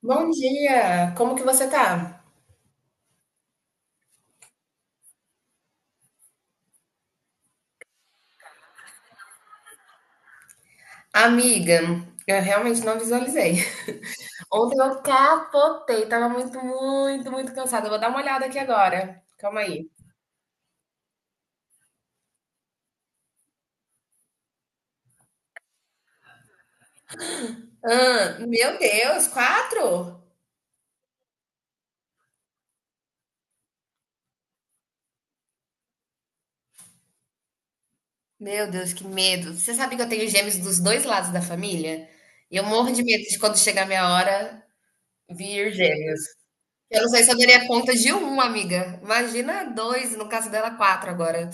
Bom dia, como que você tá? Amiga, eu realmente não visualizei. Ontem eu capotei, tava muito, muito, muito cansada. Eu vou dar uma olhada aqui agora. Calma aí. Hã, meu Deus, quatro? Meu Deus, que medo. Você sabe que eu tenho gêmeos dos dois lados da família? E eu morro de medo de quando chegar a minha hora vir gêmeos. Eu não sei se eu daria conta de um, amiga. Imagina dois, no caso dela, quatro agora.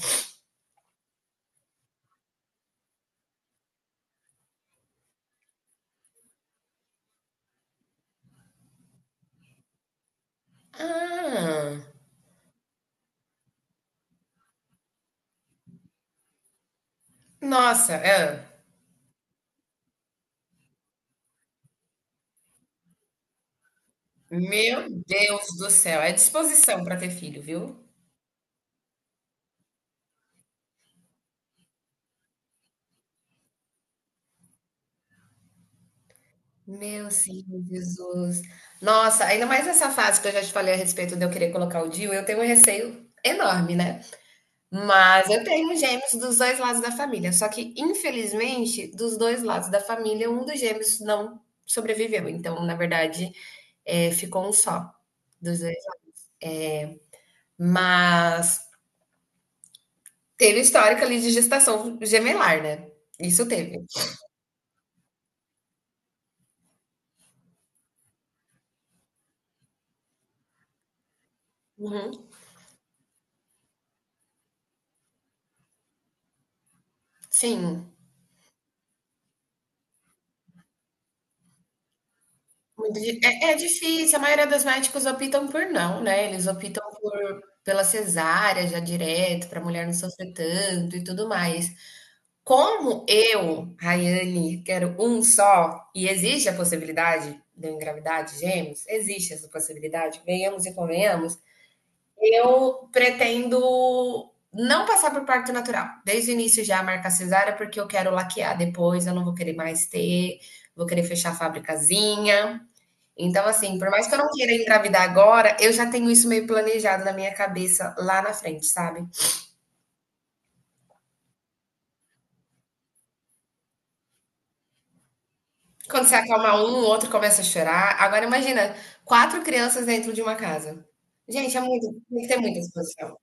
Ah, nossa, é. Meu Deus do céu, é disposição para ter filho, viu? Meu Senhor Jesus. Nossa, ainda mais nessa fase que eu já te falei a respeito de eu querer colocar o DIU, eu tenho um receio enorme, né? Mas eu tenho gêmeos dos 2 lados da família, só que infelizmente dos 2 lados da família, um dos gêmeos não sobreviveu, então na verdade, ficou um só, dos 2. Mas teve histórico ali de gestação gemelar, né? Isso teve. Uhum. Sim. Muito di é difícil, a maioria dos médicos optam por não, né, eles optam por pela cesárea já direto, para a mulher não sofrer tanto e tudo mais. Como eu, Rayane, quero um só e existe a possibilidade de eu engravidar de gêmeos, existe essa possibilidade, venhamos e convenhamos, eu pretendo não passar por parto natural, desde o início já marcar cesárea, porque eu quero laquear depois, eu não vou querer mais ter, vou querer fechar a fabricazinha. Então, assim, por mais que eu não queira engravidar agora, eu já tenho isso meio planejado na minha cabeça lá na frente, sabe? Quando você acalma um, o outro começa a chorar. Agora imagina, 4 crianças dentro de uma casa. Gente, é muito, tem que ter muita disposição.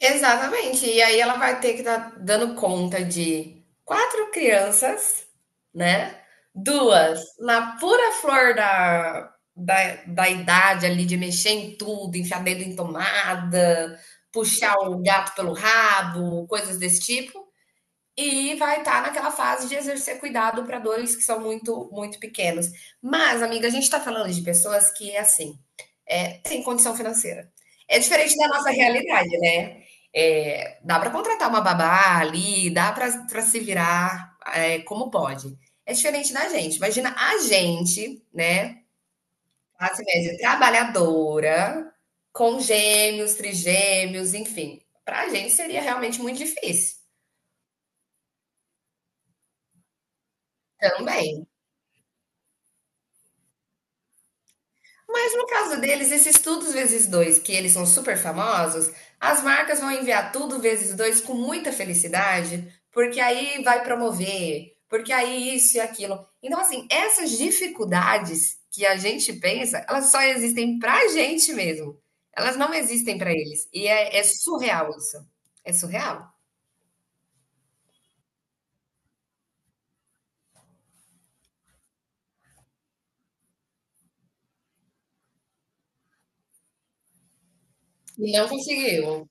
Exatamente. E aí ela vai ter que estar dando conta de 4 crianças, né, duas na pura flor da idade ali de mexer em tudo, enfiar dedo em tomada, puxar o gato pelo rabo, coisas desse tipo, e vai estar naquela fase de exercer cuidado para 2 que são muito, muito pequenos. Mas amiga, a gente está falando de pessoas que é assim, é, sem condição financeira. É diferente da nossa realidade, né? É, dá para contratar uma babá ali, dá para se virar é, como pode. É diferente da gente. Imagina a gente, né? Classe média trabalhadora, com gêmeos, trigêmeos, enfim. Para a gente seria realmente muito difícil também. Mas no caso deles, esses tudo vezes dois, que eles são super famosos, as marcas vão enviar tudo vezes dois com muita felicidade, porque aí vai promover, porque aí isso e aquilo. Então, assim, essas dificuldades que a gente pensa, elas só existem pra gente mesmo. Elas não existem pra eles. E é surreal isso. É surreal. E não conseguiu.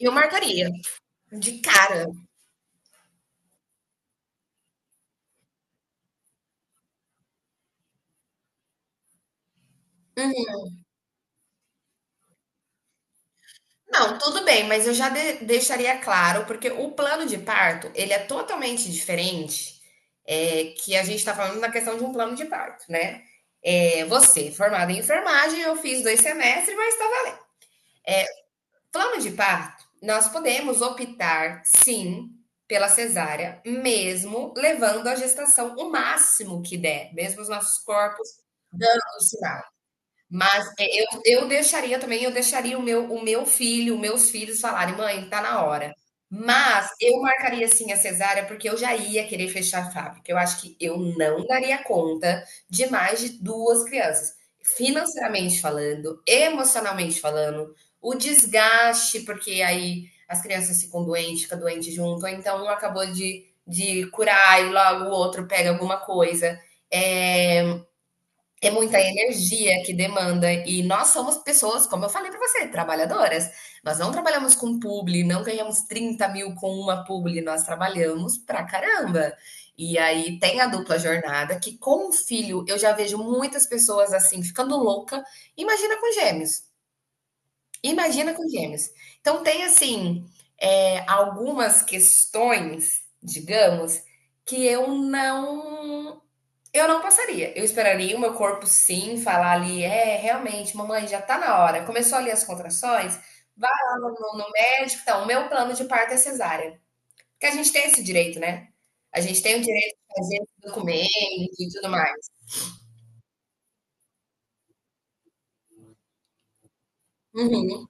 Eu marcaria, de cara. Não, tudo bem, mas eu já deixaria claro, porque o plano de parto, ele é totalmente diferente, é, que a gente está falando na questão de um plano de parto, né? É, você, formada em enfermagem, eu fiz dois semestres, mas estava... Plano de parto, nós podemos optar, sim, pela cesárea, mesmo levando a gestação o máximo que der, mesmo os nossos corpos dando sinal. Mas é, eu deixaria também, eu deixaria o meu filho, os meus filhos falarem, mãe, tá na hora. Mas eu marcaria sim a cesárea, porque eu já ia querer fechar a fábrica. Eu acho que eu não daria conta de mais de duas crianças. Financeiramente falando, emocionalmente falando, o desgaste, porque aí as crianças ficam doentes, fica doente junto, ou então um acabou de curar e logo o outro pega alguma coisa. É, é muita energia que demanda e nós somos pessoas, como eu falei para você, trabalhadoras. Nós não trabalhamos com publi, não ganhamos 30.000 com uma publi, nós trabalhamos pra caramba. E aí tem a dupla jornada, que com o filho eu já vejo muitas pessoas assim, ficando louca. Imagina com gêmeos, imagina com gêmeos. Então tem assim, é, algumas questões, digamos, que eu não passaria. Eu esperaria o meu corpo sim falar ali, é, realmente, mamãe, já tá na hora. Começou ali as contrações, vai lá no médico. Então, o meu plano de parto é cesárea. Porque a gente tem esse direito, né? A gente tem o direito de fazer esse documento e tudo mais. Uhum.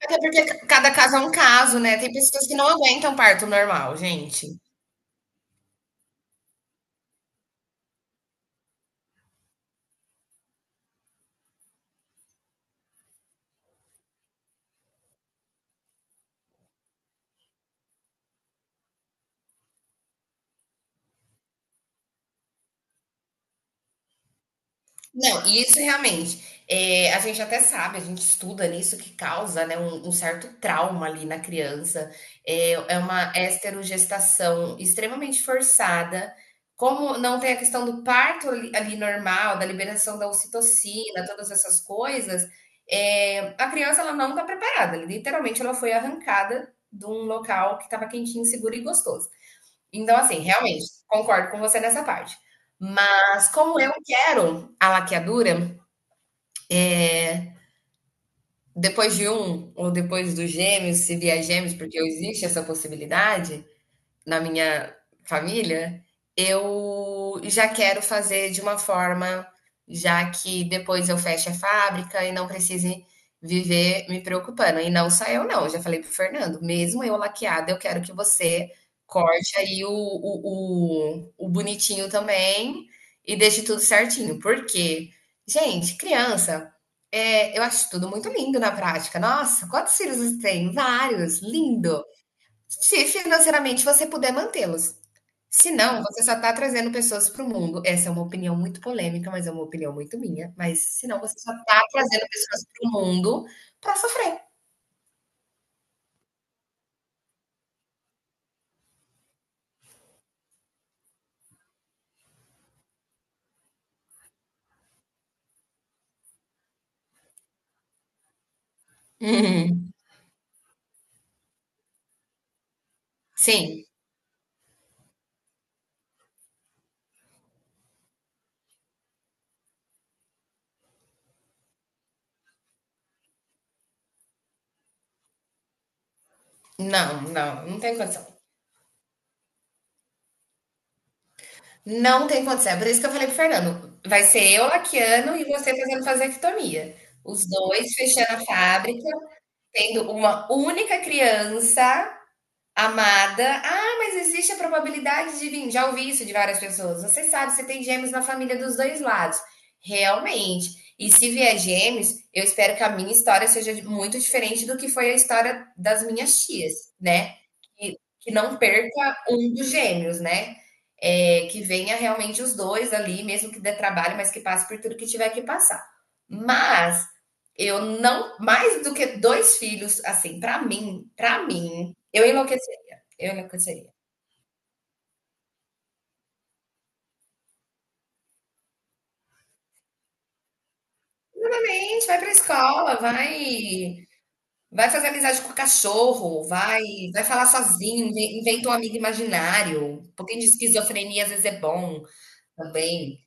Até porque cada caso é um caso, né? Tem pessoas que não aguentam parto normal, gente. Não, e isso realmente, a gente até sabe, a gente estuda nisso que causa, né, um certo trauma ali na criança, é uma esterogestação extremamente forçada, como não tem a questão do parto ali normal, da liberação da ocitocina, todas essas coisas, a criança ela não está preparada, literalmente ela foi arrancada de um local que estava quentinho, seguro e gostoso. Então, assim, realmente, concordo com você nessa parte. Mas como eu quero a laqueadura, depois de um ou depois dos gêmeos, se vier gêmeos, porque existe essa possibilidade, na minha família, eu já quero fazer de uma forma já que depois eu fecho a fábrica e não precise viver me preocupando. E não só eu, não. Eu já falei pro Fernando, mesmo eu laqueada, eu quero que você corte aí o bonitinho também e deixe tudo certinho. Porque, gente, criança, é, eu acho tudo muito lindo na prática. Nossa, quantos filhos você tem? Vários, lindo. Se financeiramente você puder mantê-los. Se não, você só está trazendo pessoas para o mundo. Essa é uma opinião muito polêmica, mas é uma opinião muito minha. Mas se não, você só está trazendo pessoas para o mundo para sofrer. Uhum. Sim, não, não, não tem condição. Não tem condição. É por isso que eu falei pro Fernando. Vai ser eu Laquiano e você fazendo vasectomia. Os dois fechando a fábrica, tendo uma única criança amada. Ah, mas existe a probabilidade de vir. Já ouvi isso de várias pessoas. Você sabe, você tem gêmeos na família dos dois lados. Realmente. E se vier gêmeos, eu espero que a minha história seja muito diferente do que foi a história das minhas tias, né? Que não perca um dos gêmeos, né? É, que venha realmente os dois ali, mesmo que dê trabalho, mas que passe por tudo que tiver que passar. Mas eu não, mais do que dois filhos, assim, pra mim, para mim, eu enlouqueceria, eu enlouqueceria. A gente, vai pra escola, vai vai fazer amizade com o cachorro, vai falar sozinho, inventa um amigo imaginário. Um pouquinho de esquizofrenia às vezes é bom também,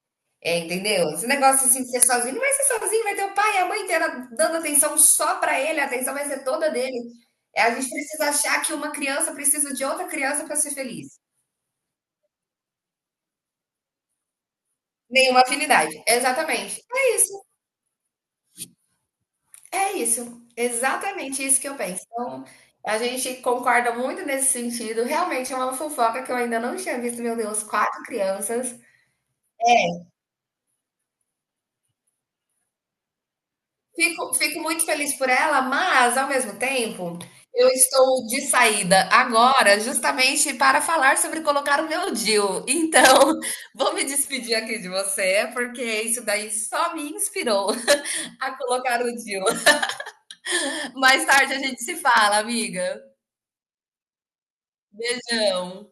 é, entendeu? Esse negócio assim de ser sozinho, não vai ser sozinho, vai ter o pai e a mãe inteira dando atenção só pra ele, a atenção vai ser toda dele. É, a gente precisa achar que uma criança precisa de outra criança pra ser feliz. Nenhuma afinidade. Exatamente. É isso. É isso, exatamente isso que eu penso. Então, a gente concorda muito nesse sentido. Realmente é uma fofoca que eu ainda não tinha visto, meu Deus, quatro crianças. Fico muito feliz por ela, mas ao mesmo tempo, eu estou de saída agora, justamente para falar sobre colocar o meu DIU. Então, vou me despedir aqui de você, porque isso daí só me inspirou a colocar o DIU. Mais tarde a gente se fala, amiga. Beijão.